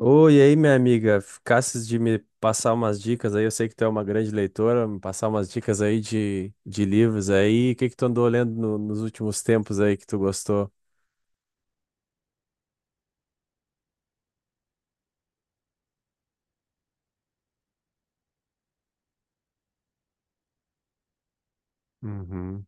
Oi, e aí, minha amiga, ficasses de me passar umas dicas aí, eu sei que tu é uma grande leitora, me passar umas dicas aí de livros aí, o que que tu andou lendo nos últimos tempos aí que tu gostou? Uhum.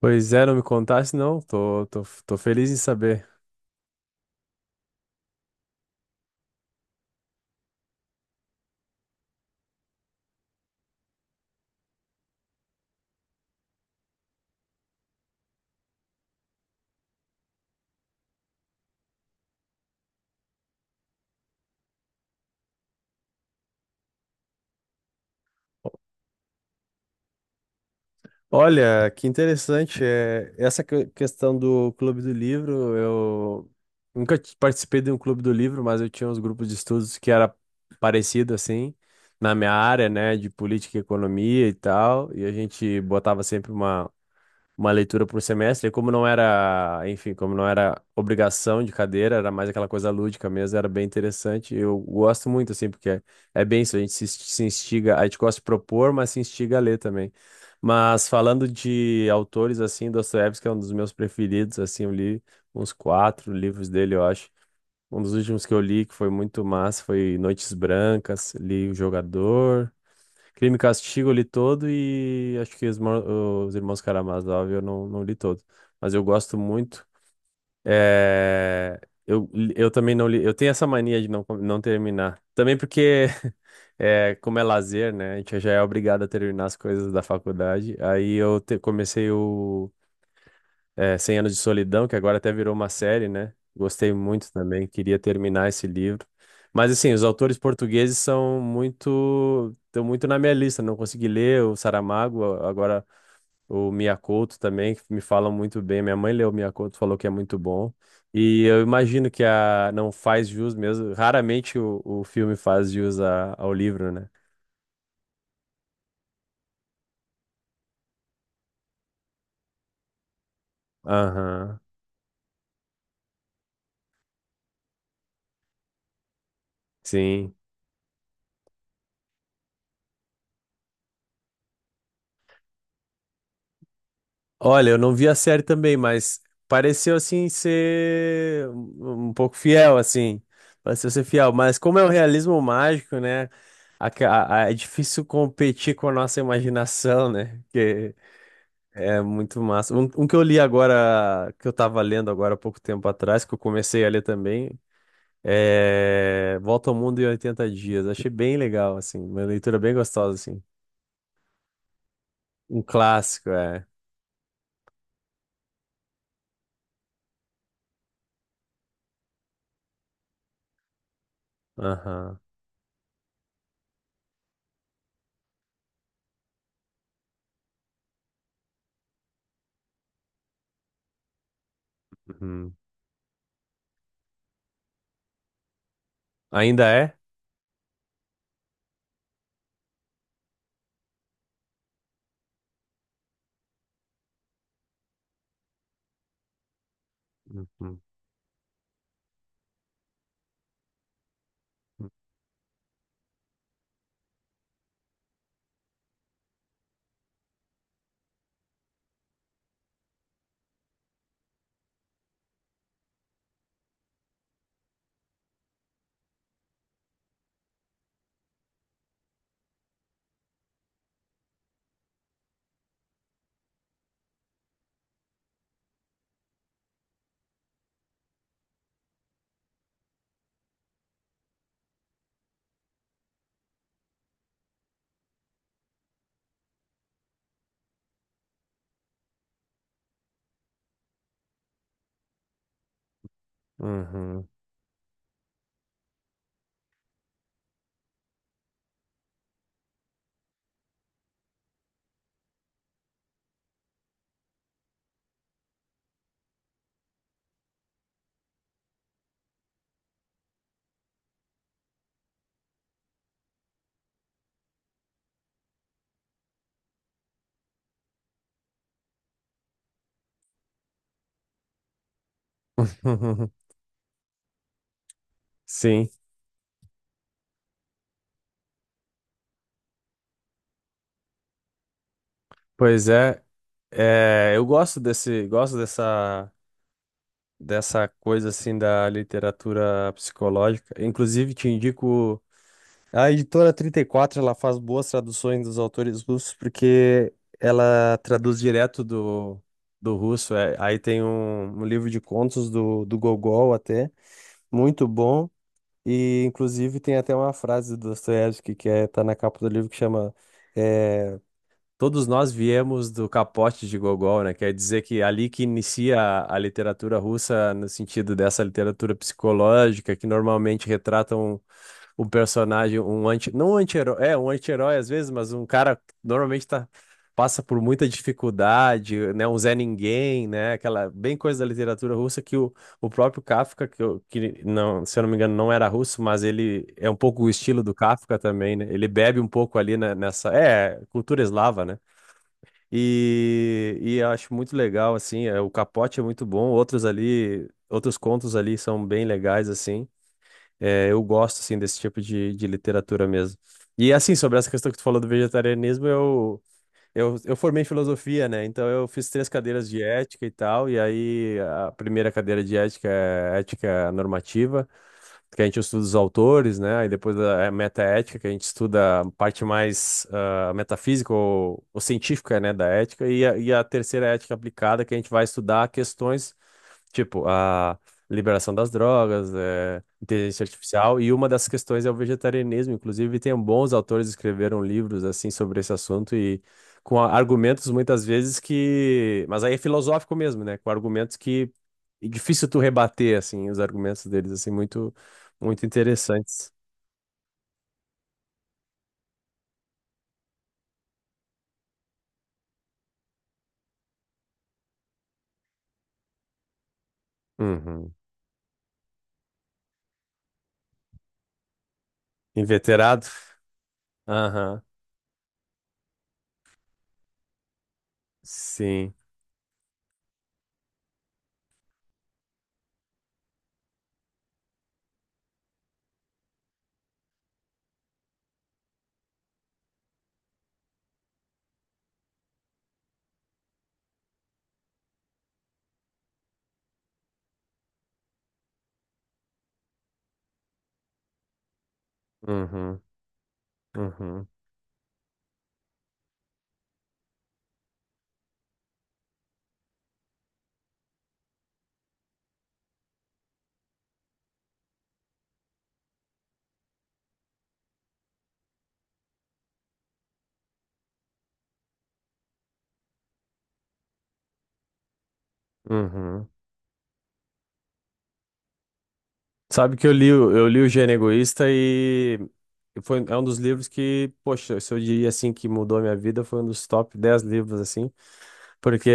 Pois é, não me contasse não, tô feliz em saber. Olha, que interessante. É, essa questão do Clube do Livro, eu nunca participei de um Clube do Livro, mas eu tinha uns grupos de estudos que era parecido assim, na minha área, né, de política e economia e tal, e a gente botava sempre uma leitura por semestre, e como não era, enfim, como não era obrigação de cadeira, era mais aquela coisa lúdica mesmo, era bem interessante. Eu gosto muito, assim, porque é bem isso, a gente se instiga, a gente gosta de propor, mas se instiga a ler também. Mas falando de autores, assim, Dostoiévski é um dos meus preferidos, assim, eu li uns quatro livros dele, eu acho. Um dos últimos que eu li, que foi muito massa, foi Noites Brancas, li O Jogador, Crime e Castigo eu li todo e acho que os Irmãos Karamazov eu não li todo. Mas eu gosto muito. É, Eu, eu também não li. Eu tenho essa mania de não terminar. Também porque, é, como é lazer, né? A gente já é obrigado a terminar as coisas da faculdade. Aí eu comecei 100 Anos de Solidão, que agora até virou uma série, né? Gostei muito também, queria terminar esse livro. Mas assim, os autores portugueses são muito, estão muito na minha lista, não consegui ler o Saramago, agora o Miyakoto também, que me falam muito bem. Minha mãe leu o Miyakoto, falou que é muito bom. E eu imagino que a não faz jus mesmo, raramente o filme faz jus ao livro, né? Aham, sim. Olha, eu não vi a série também, mas pareceu assim ser um pouco fiel, assim. Pareceu ser fiel. Mas como é o realismo mágico, né? É difícil competir com a nossa imaginação, né? Que é muito massa. Um que eu li agora, que eu tava lendo agora há pouco tempo atrás, que eu comecei a ler também, é Volta ao Mundo em Oitenta Dias. Achei bem legal, assim. Uma leitura bem gostosa, assim. Um clássico, é. Aham. Uhum. Ainda é? Uhum. Uhum. Sim, pois é. É, eu gosto desse, gosto dessa coisa assim da literatura psicológica. Inclusive, te indico a editora 34, ela faz boas traduções dos autores russos porque ela traduz direto do russo. É, aí tem um livro de contos do Gogol até, muito bom. E inclusive tem até uma frase do Dostoiévski que é, tá na capa do livro que chama é, Todos nós viemos do capote de Gogol, né? Quer dizer que é ali que inicia a literatura russa, no sentido dessa literatura psicológica, que normalmente retrata um personagem, um anti, não um anti-herói, é um anti-herói às vezes, mas um cara que normalmente tá, passa por muita dificuldade, né? Um Zé Ninguém, né? Aquela bem coisa da literatura russa que o próprio Kafka, que não, se eu não me engano, não era russo, mas ele é um pouco o estilo do Kafka também, né? Ele bebe um pouco ali nessa, cultura eslava, né? E eu acho muito legal, assim, o Capote é muito bom, outros ali, outros contos ali são bem legais, assim. É, eu gosto, assim, desse tipo de literatura mesmo. E, assim, sobre essa questão que tu falou do vegetarianismo, eu formei em filosofia, né? Então, eu fiz três cadeiras de ética e tal, e aí a primeira cadeira de ética é ética normativa, que a gente estuda os autores, né? Aí depois a metaética, que a gente estuda a parte mais metafísica ou científica, né, da ética, e a terceira ética aplicada, que a gente vai estudar questões tipo a liberação das drogas, inteligência artificial, e uma das questões é o vegetarianismo. Inclusive, tem bons autores que escreveram livros assim sobre esse assunto e com argumentos muitas vezes que, mas aí é filosófico mesmo, né? Com argumentos que é difícil tu rebater assim os argumentos deles assim muito muito interessante. Uhum. Inveterado? Aham. Sim. Uhum. Uhum. Uhum. Sabe que eu li o Gênio Egoísta e foi, é um dos livros que, poxa, se eu diria assim que mudou a minha vida, foi um dos top 10 livros, assim, porque,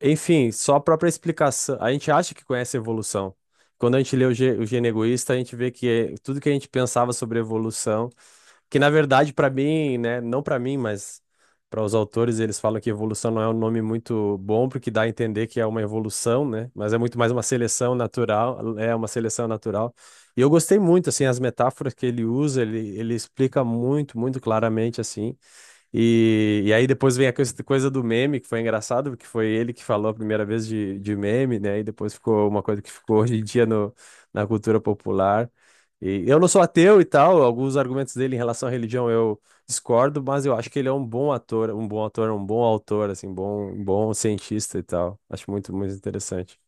enfim, só a própria explicação, a gente acha que conhece a evolução. Quando a gente lê o Gênio Egoísta, a gente vê que tudo que a gente pensava sobre evolução, que na verdade, para mim, né, não para mim, mas para os autores, eles falam que evolução não é um nome muito bom, porque dá a entender que é uma evolução, né? Mas é muito mais uma seleção natural, é uma seleção natural. E eu gostei muito, assim, as metáforas que ele usa, ele explica muito, muito claramente, assim. E aí depois vem a coisa do meme, que foi engraçado, porque foi ele que falou a primeira vez de meme, né? E depois ficou uma coisa que ficou hoje em dia no, na cultura popular. E eu não sou ateu e tal, alguns argumentos dele em relação à religião eu discordo, mas eu acho que ele é um bom ator, um bom ator, um bom autor, assim, bom, um bom cientista e tal. Acho muito, muito interessante.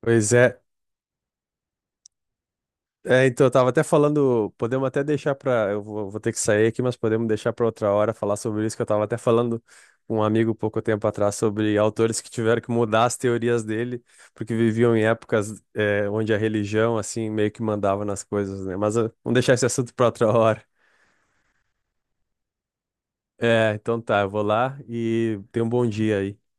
Pois é. É, então, eu tava até falando, podemos até deixar pra. Eu vou ter que sair aqui, mas podemos deixar pra outra hora falar sobre isso, que eu tava até falando com um amigo pouco tempo atrás sobre autores que tiveram que mudar as teorias dele, porque viviam em épocas onde a religião, assim, meio que mandava nas coisas, né? Mas vamos deixar esse assunto pra outra hora. É, então tá, eu vou lá e tenha um bom dia aí.